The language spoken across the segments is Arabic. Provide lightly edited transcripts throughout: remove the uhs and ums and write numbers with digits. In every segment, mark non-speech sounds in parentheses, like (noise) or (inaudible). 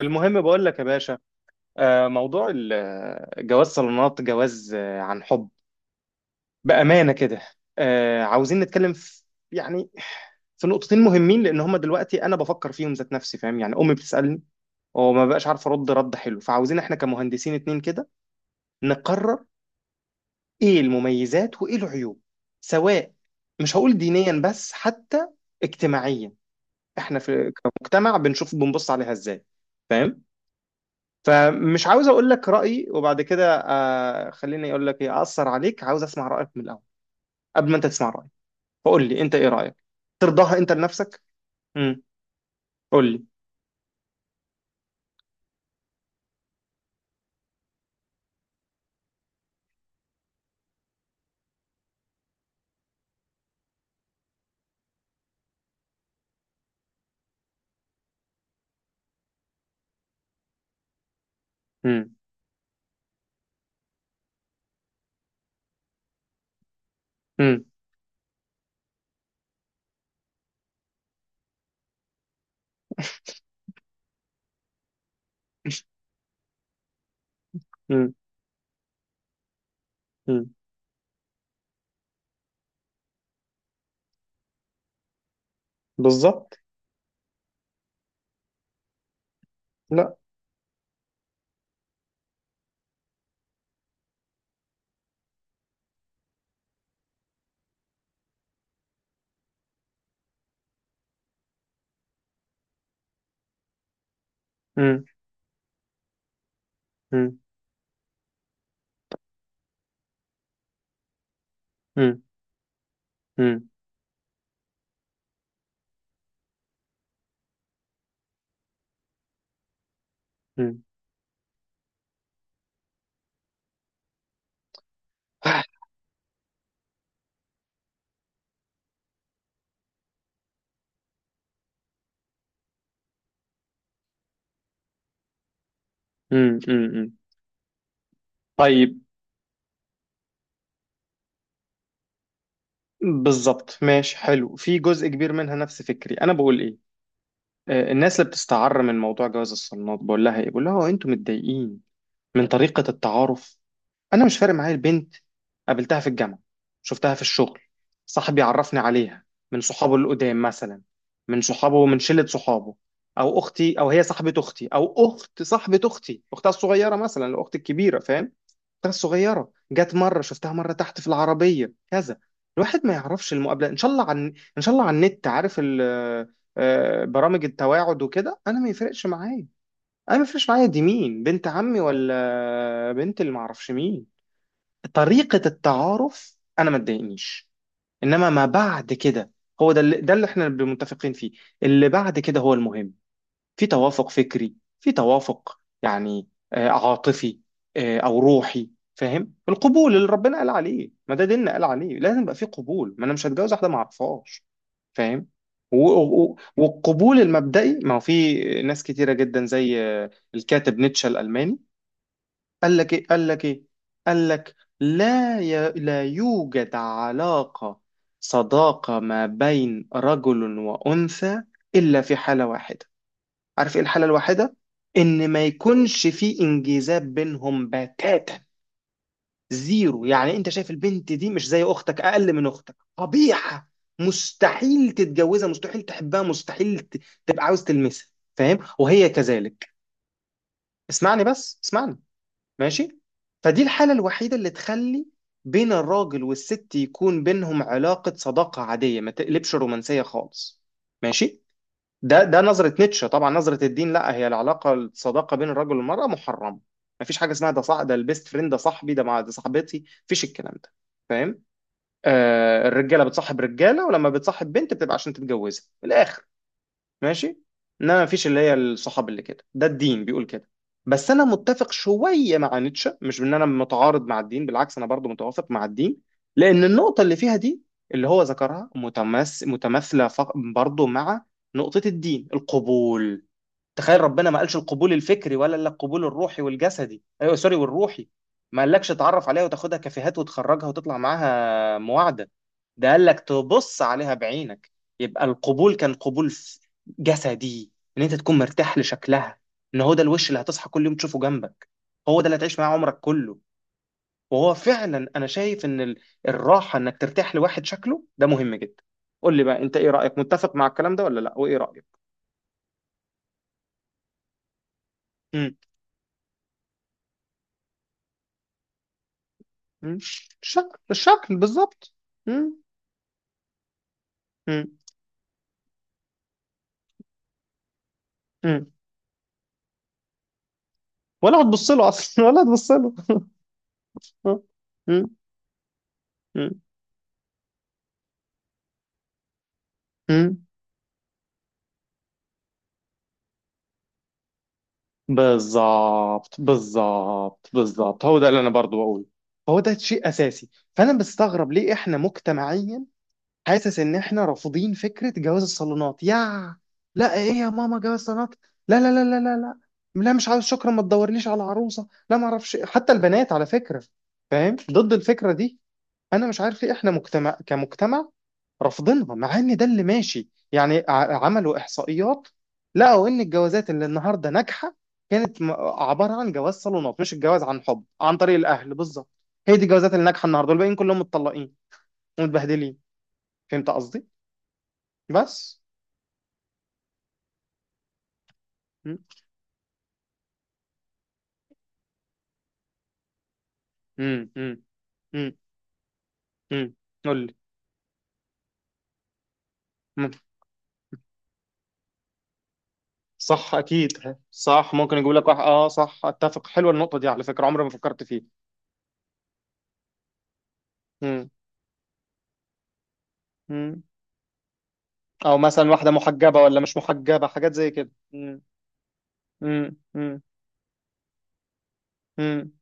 المهم بقول لك يا باشا. موضوع جواز صالونات، جواز عن حب، بأمانة كده. عاوزين نتكلم في يعني، في نقطتين مهمين، لأن هما دلوقتي أنا بفكر فيهم ذات نفسي فاهم؟ يعني أمي بتسألني وما بقاش عارف أرد رد حلو، فعاوزين إحنا كمهندسين اتنين كده نقرر إيه المميزات وإيه العيوب، سواء، مش هقول دينيا بس، حتى اجتماعيا. إحنا في كمجتمع بنشوف بنبص عليها إزاي، فاهم؟ فمش عاوز اقول لك رايي وبعد كده آه خليني اقول لك ايه اثر عليك، عاوز اسمع رايك من الاول قبل ما انت تسمع رايي، فقول لي انت ايه رايك. ترضاها انت لنفسك؟ امم. قول لي. امم. امم. امم. امم. بالظبط. لا. امم. امم. امم. امم. امم. امم. امم. طيب. بالظبط، ماشي، حلو. في جزء كبير منها نفس فكري. انا بقول ايه؟ الناس اللي بتستعر من موضوع جواز الصالونات بقول لها ايه، بقول لها: هو انتوا متضايقين من طريقة التعارف؟ انا مش فارق معايا البنت قابلتها في الجامعه، شفتها في الشغل، صاحبي عرفني عليها، من صحابه القدام مثلا، من شله صحابه، او اختي، او هي صاحبه اختي، او اخت صاحبه اختي، اختها الصغيره مثلا، الاخت الكبيره، فاهم؟ اختها الصغيره جت مره شفتها مره تحت في العربيه كذا، الواحد ما يعرفش. المقابله ان شاء الله عن ان شاء الله على النت عارف برامج التواعد وكده، انا ما يفرقش معايا. انا ما يفرقش معايا دي مين، بنت عمي ولا بنت اللي ما اعرفش مين. طريقة التعارف انا ما تضايقنيش، انما ما بعد كده، هو ده اللي احنا متفقين فيه. اللي بعد كده هو المهم: في توافق فكري، في توافق يعني عاطفي، او روحي، فاهم؟ القبول اللي ربنا قال عليه، ما ده ديننا قال عليه لازم يبقى في قبول، ما انا مش هتجوز واحده ما اعرفهاش، فاهم؟ والقبول المبدئي، ما هو في ناس كتيره جدا زي الكاتب نيتشه الالماني، قال لك ايه، قال لك ايه، قال لك لا لا يوجد علاقة صداقة ما بين رجل وأنثى إلا في حالة واحدة. عارف ايه الحالة الواحدة؟ إن ما يكونش في انجذاب بينهم بتاتا، زيرو. يعني انت شايف البنت دي مش زي اختك، اقل من اختك، قبيحة، مستحيل تتجوزها، مستحيل تحبها، مستحيل تبقى عاوز تلمسها، فاهم؟ وهي كذلك. اسمعني بس، اسمعني. ماشي. فدي الحالة الوحيدة اللي تخلي بين الراجل والست يكون بينهم علاقة صداقة عادية ما تقلبش رومانسية خالص، ماشي. ده نظرة نيتشه. طبعا نظرة الدين لا، هي العلاقة الصداقة بين الرجل والمرأة محرمة، ما فيش حاجة اسمها ده صاح، ده البيست فريند، ده صاحبي، ده مع ده صاحبتي، فيش الكلام ده، فاهم؟ الرجالة بتصاحب رجالة، ولما بتصاحب بنت بتبقى عشان تتجوزها من الآخر، ماشي. انما مفيش اللي هي الصحاب اللي كده، ده الدين بيقول كده. بس انا متفق شويه مع نيتشه، مش ان انا متعارض مع الدين، بالعكس انا برضو متوافق مع الدين، لان النقطه اللي فيها دي، اللي هو ذكرها، متماثله برضو مع نقطه الدين، القبول. تخيل ربنا ما قالش القبول الفكري ولا الا القبول الروحي والجسدي، ايوه سوري، والروحي، ما قالكش تعرف عليها وتاخدها كافيهات وتخرجها وتطلع معاها معادة. ده قال لك تبص عليها بعينك، يبقى القبول كان قبول جسدي، ان انت تكون مرتاح لشكلها، ان هو ده الوش اللي هتصحى كل يوم تشوفه جنبك، هو ده اللي هتعيش معاه عمرك كله. وهو فعلا انا شايف ان الراحة انك ترتاح لواحد شكله ده مهم جدا. قول لي بقى انت ايه رأيك، متفق مع الكلام ده ولا لا، وايه رأيك؟ مم. الشكل، الشكل بالظبط. مم. مم. مم. ولا هتبص له اصلا (laughs) ولا هتبص له. آه. مم. مم. مم. بالظبط، بالظبط، بالظبط، هو ده اللي انا برضو بقوله. هو ده شيء اساسي. فانا بستغرب ليه احنا مجتمعيا حاسس ان احنا رافضين فكره جواز الصالونات، يا لا ايه يا ماما جواز الصالونات، لا لا لا لا لا، لا لا مش عاوز شكرا، ما تدورليش على عروسه، لا ما اعرفش إيه. حتى البنات على فكره، فاهم، ضد الفكره دي. انا مش عارف ليه احنا مجتمع كمجتمع رافضينها، مع ان ده اللي ماشي. يعني عملوا احصائيات، لقوا ان الجوازات اللي النهارده ناجحه كانت عباره عن جواز صالونات، مش الجواز عن حب، عن طريق الاهل بالظبط. هي دي الجوازات اللي ناجحه النهارده، والباقيين كلهم متطلقين ومتبهدلين. فهمت قصدي؟ بس. امم. امم. امم. امم. قول لي. مم. صح، اكيد صح، ممكن يقول لك واحد. اه صح، اتفق، حلوه النقطه دي على فكره، عمري ما فكرت فيها. امم. او مثلا واحده محجبه ولا مش محجبه، حاجات زي كده. مم. مم. مم. مم.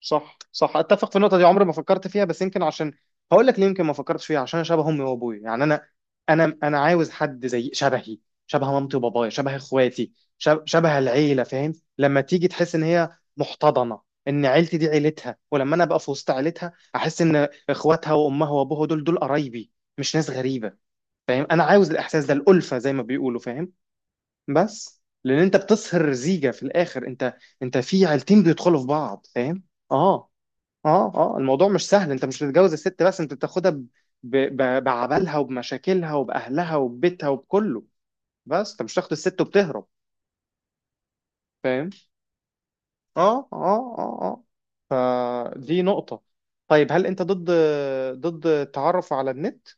صح، صح، اتفق في النقطه دي، عمري ما فكرت فيها. بس يمكن عشان، هقول لك ليه يمكن ما فكرتش فيها، عشان أنا شبه امي وابويا، يعني انا عاوز حد زي شبهي، شبه مامتي وبابايا، شبه اخواتي، شبه العيله، فاهم؟ لما تيجي تحس ان هي محتضنه، ان عيلتي دي عيلتها، ولما انا ابقى في وسط عيلتها احس ان اخواتها وامها وابوها دول قرايبي، مش ناس غريبه، فاهم؟ انا عاوز الاحساس ده، الالفه زي ما بيقولوا، فاهم؟ بس لان انت بتصهر زيجة في الاخر، انت، في عيلتين بيدخلوا في بعض، فاهم؟ اه اه اه. الموضوع مش سهل، انت مش بتتجوز الست بس، انت بتاخدها بعبالها وبمشاكلها وباهلها وببيتها وبكله، بس انت مش تاخد الست وبتهرب، فاهم؟ اه اه اه اه. فدي نقطة. طيب هل انت ضد التعرف على النت؟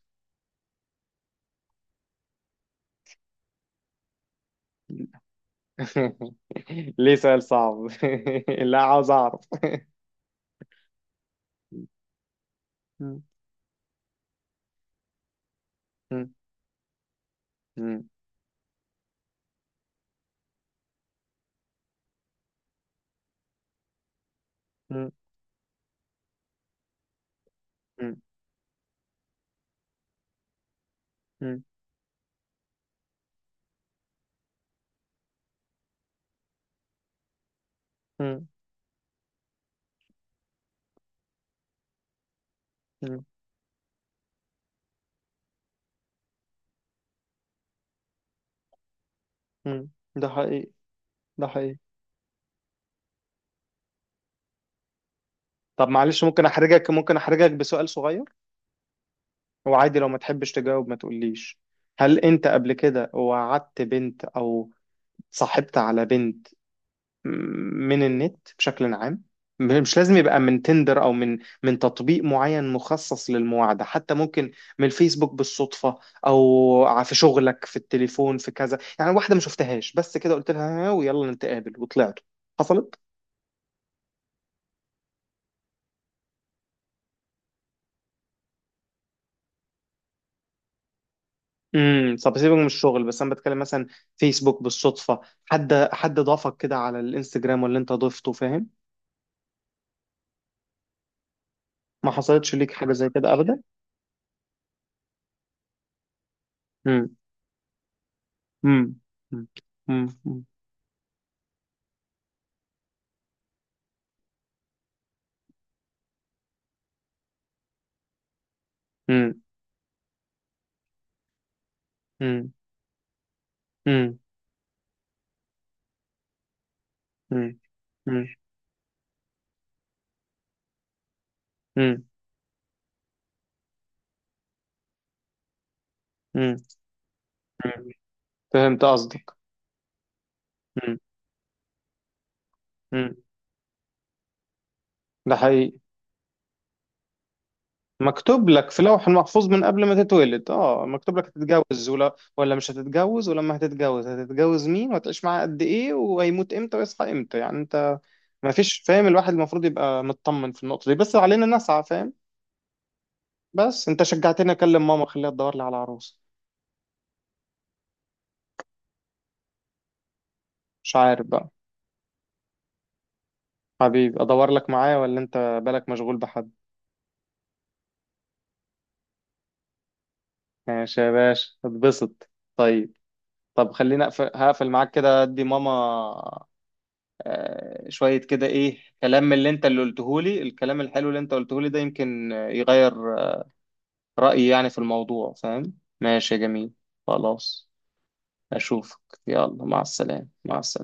(laughs) ليه سؤال صعب؟ (laughs) لا عاوز اعرف. (laughs) مم. مم. مم. ده حقيقي. ده حقيقي. طب معلش ممكن احرجك، بسؤال صغير، وعادي لو ما تحبش تجاوب ما تقوليش. هل انت قبل كده وعدت بنت او صاحبت على بنت، م- من النت بشكل عام، مش لازم يبقى من تندر، او من تطبيق معين مخصص للمواعدة، حتى ممكن من الفيسبوك بالصدفة، او في شغلك، في التليفون، في كذا، يعني واحدة ما شفتهاش بس كده قلت لها ها ويلا نتقابل وطلعت، حصلت؟ امم. طب سيبك من الشغل، بس انا بتكلم مثلا فيسبوك بالصدفه، حد ضافك كده على الانستجرام، واللي انت ضفته، فاهم؟ ما حصلتش ليك حاجه زي كده ابدا؟ امم. امم. امم. امم. امم. امم. امم. امم. امم. فهمت قصدك. امم. امم. ده حقيقي. مكتوب لك في لوح محفوظ من قبل ما تتولد، اه مكتوب لك هتتجوز ولا مش هتتجوز، ولما هتتجوز هتتجوز مين، وهتعيش معاه قد ايه، وهيموت امتى ويصحى امتى، يعني انت ما فيش، فاهم؟ الواحد المفروض يبقى مطمن في النقطة دي، بس علينا نسعى، فاهم؟ بس انت شجعتني اكلم ماما خليها تدور لي على عروس. مش عارف بقى، حبيبي ادور لك معايا، ولا انت بالك مشغول بحد؟ ماشي يا باشا، اتبسط. طيب، طب خليني اقفل، هقفل معاك كده ادي ماما. شوية كده إيه كلام من اللي أنت اللي قلتهولي، الكلام الحلو اللي أنت قلتهولي ده يمكن يغير رأيي يعني في الموضوع، فاهم؟ ماشي يا جميل. خلاص. أشوفك. يلا مع السلامة، مع السلامة.